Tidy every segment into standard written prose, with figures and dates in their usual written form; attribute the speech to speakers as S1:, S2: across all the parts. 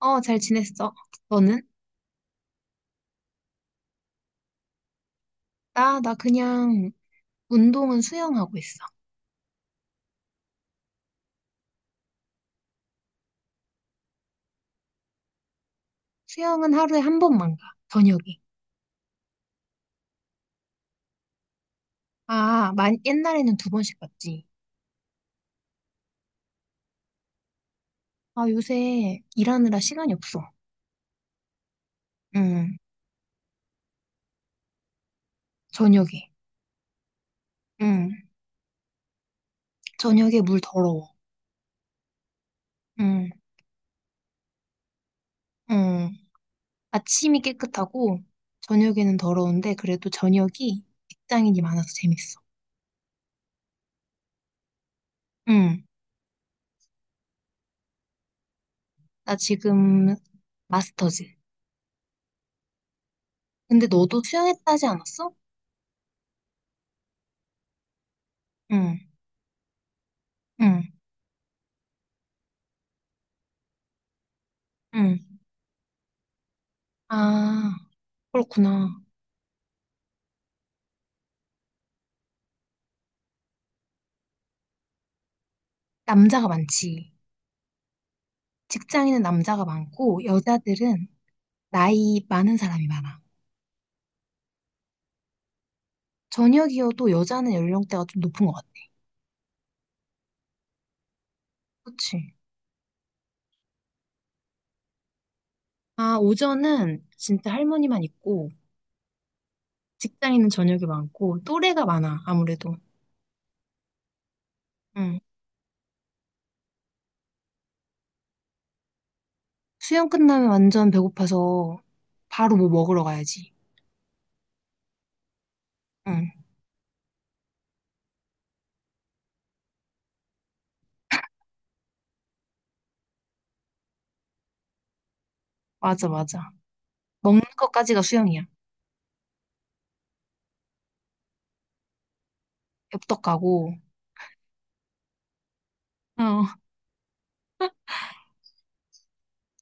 S1: 어, 잘 지냈어. 너는? 나 그냥 운동은 수영하고 있어. 수영은 하루에 한 번만 가, 저녁에. 아, 만, 옛날에는 두 번씩 갔지. 아, 요새 일하느라 시간이 없어. 응, 저녁에. 응, 저녁에 물 더러워. 응, 응. 아침이 깨끗하고, 저녁에는 더러운데, 그래도 저녁이 직장인이 많아서 재밌어. 응, 나 지금 마스터즈. 근데 너도 수영했다 하지 않았어? 응, 응, 응. 아, 그렇구나. 남자가 많지. 직장인은 남자가 많고, 여자들은 나이 많은 사람이 많아. 저녁이어도 여자는 연령대가 좀 높은 것 같아. 그치? 아, 오전은 진짜 할머니만 있고, 직장인은 저녁이 많고, 또래가 많아, 아무래도. 응. 수영 끝나면 완전 배고파서 바로 뭐 먹으러 가야지. 응, 맞아, 맞아. 먹는 것까지가 수영이야. 엽떡 가고. 어,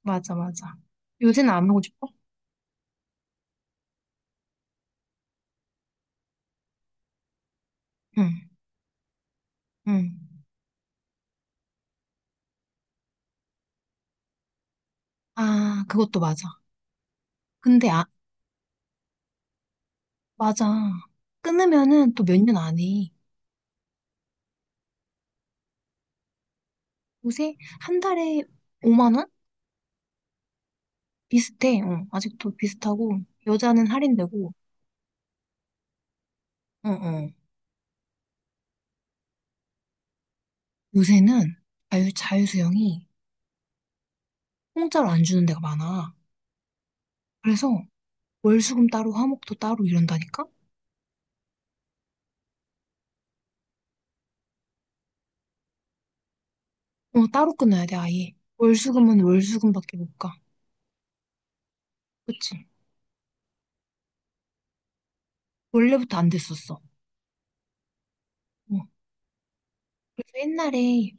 S1: 맞아, 맞아. 요새는 안 하고 싶어? 응, 응. 아, 그것도 맞아. 근데, 아, 맞아. 끊으면은 또 몇 년 안 해. 요새 한 달에 5만 원? 비슷해. 어, 아직도 비슷하고. 여자는 할인되고. 어, 어. 요새는 자유수영이 공짜로 안 주는 데가 많아. 그래서 월수금 따로, 화목도 따로 이런다니까? 어, 따로 끊어야 돼, 아예. 월수금은 월수금밖에 못 가. 그치? 원래부터 안 됐었어. 어. 그래서 옛날에,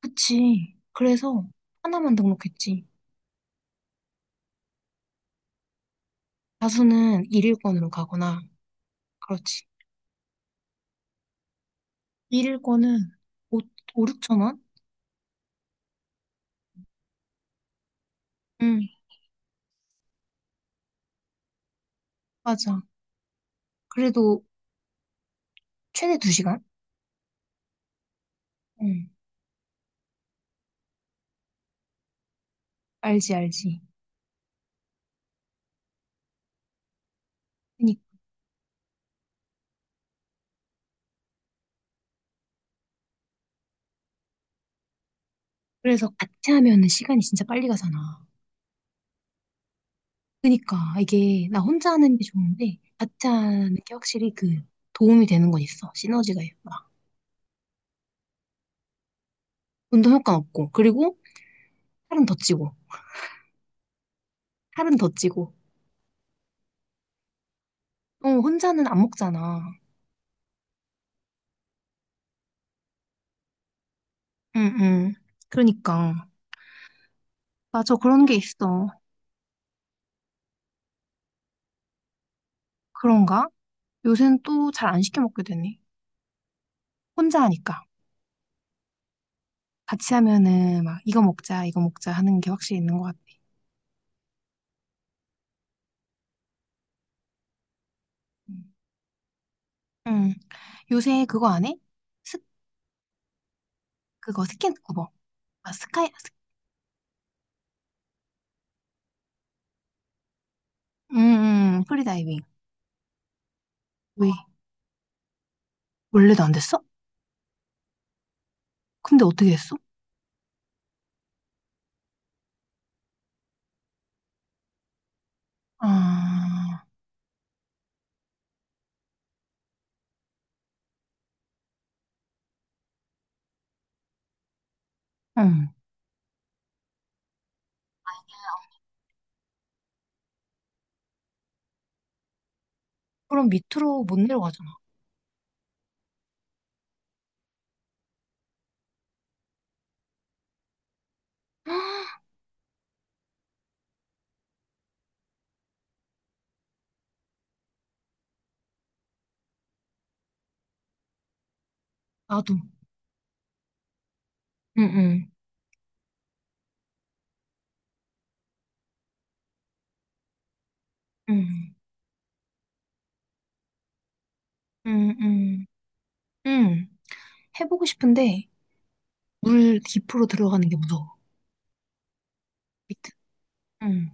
S1: 그치. 그래서 하나만 등록했지. 다수는 일일권으로 가거나, 그렇지. 일일권은 5, 오 6천 원? 응, 맞아. 그래도 최대 2시간? 응, 알지, 알지. 그니, 그래서 같이 하면은 시간이 진짜 빨리 가잖아. 그니까, 이게 나 혼자 하는 게 좋은데, 같이 하는 게 확실히 그 도움이 되는 건 있어. 시너지가 있어 운동 효과 없고, 그리고 살은 더 찌고, 살은 더 찌고. 어, 혼자는 안 먹잖아. 응, 응. 그러니까. 맞아, 그런 게 있어. 그런가? 요새는 또 잘 안 시켜 먹게 되네. 혼자 하니까. 같이 하면은 막 이거 먹자, 이거 먹자 하는 게 확실히 있는 것 같아. 음. 응. 요새 그거 안 해? 스, 그거 스킨스쿠버. 아, 스카이, 스, 프리다이빙. 왜? 원래도 안 됐어? 근데 어떻게 했어? 아, 응. 그럼 밑으로 못 내려가잖아. 나도. 응, 응, 응, 응, 응. 응. 해보고 싶은데, 물 깊으로 들어가는 게 무서워. 밑에. 응.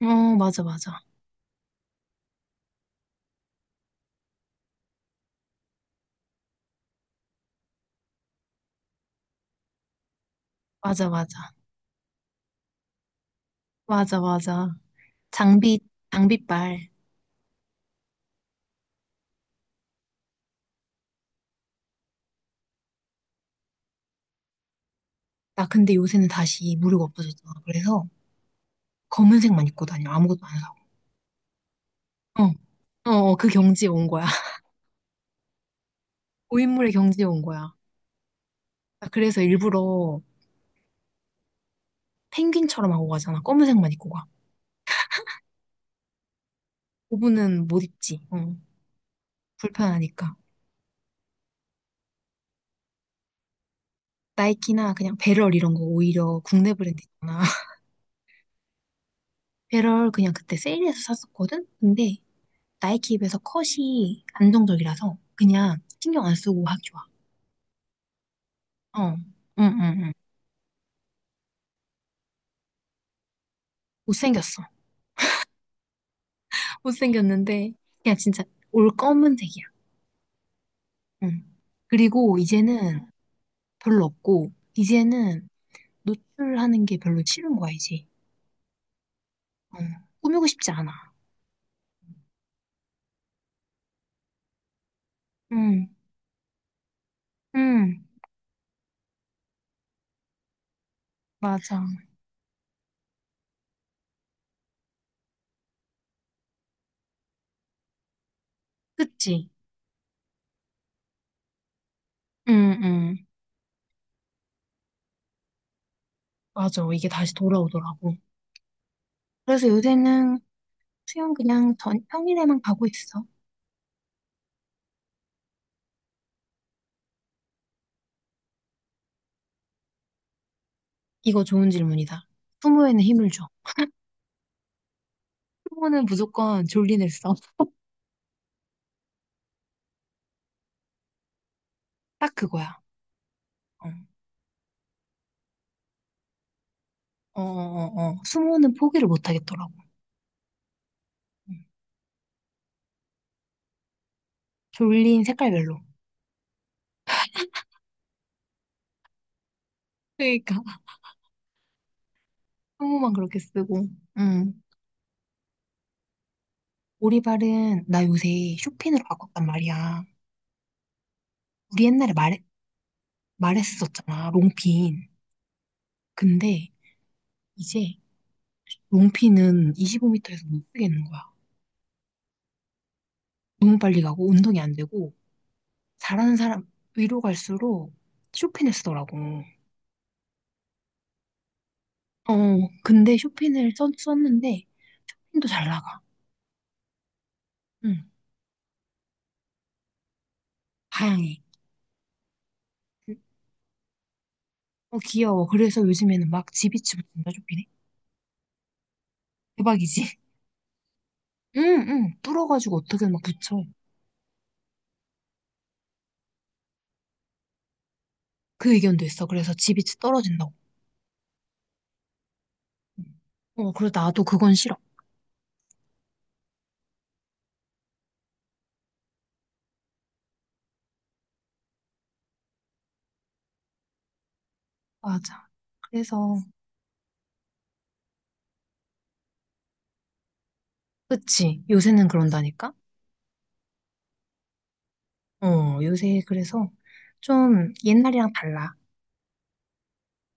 S1: 어, 맞아, 맞아. 맞아, 맞아. 맞아, 맞아. 장비, 장비빨. 나 근데 요새는 다시 무료가 없어졌잖아. 그래서 검은색만 입고 다녀. 아무것도 안 사고. 어, 어, 어, 그 경지에 온 거야. 고인물의 경지에 온 거야. 나 그래서 일부러 펭귄처럼 하고 가잖아. 검은색만 입고 가. 고분은 못 입지. 어, 불편하니까. 나이키나 그냥 배럴 이런 거 오히려 국내 브랜드 있잖아. 배럴 그냥 그때 세일해서 샀었거든? 근데 나이키 앱에서 컷이 안정적이라서 그냥 신경 안 쓰고 하기 좋아. 어, 응, 응, 응. 못생겼어. 못생겼는데, 그냥 진짜 올 검은색이야. 응. 그리고 이제는 별로 없고, 이제는 노출하는 게 별로 싫은 거야, 이제. 어. 꾸미고 싶지 않아. 응, 응, 맞아. 그치? 응, 응. 맞아. 이게 다시 돌아오더라고. 그래서 요새는 수영 그냥 평일에만 가고 있어. 이거 좋은 질문이다. 수모에는 힘을 줘. 수모는 무조건 졸린 일 써. 딱 그거야. 어. 어, 어, 어, 어. 수모는 포기를 못 하겠더라고. 음. 졸린 색깔별로. 그러니까 수모만 그렇게 쓰고. 음. 오리발은 나 요새 쇼핀으로 바꿨단 말이야. 우리 옛날에 말 말했었잖아. 롱핀. 근데 이제 롱핀은 25m에서 못 쓰겠는 거야. 너무 빨리 가고 운동이 안 되고 잘하는 사람 위로 갈수록 쇼핀을 쓰더라고. 어, 근데 쇼핀을 썼는데 힘도 잘 나가. 응, 다양해. 어, 귀여워. 그래서 요즘에는 막 지비치터인짜쇼긴네 대박이지? 응, 응. 뚫어가지고 어떻게든 막 붙여. 그 의견도 있어. 그래서 지비치 떨어진다고. 어, 그래서 나도 그건 싫어. 맞아. 그래서, 그치. 요새는 그런다니까? 어, 요새 그래서 좀 옛날이랑 달라.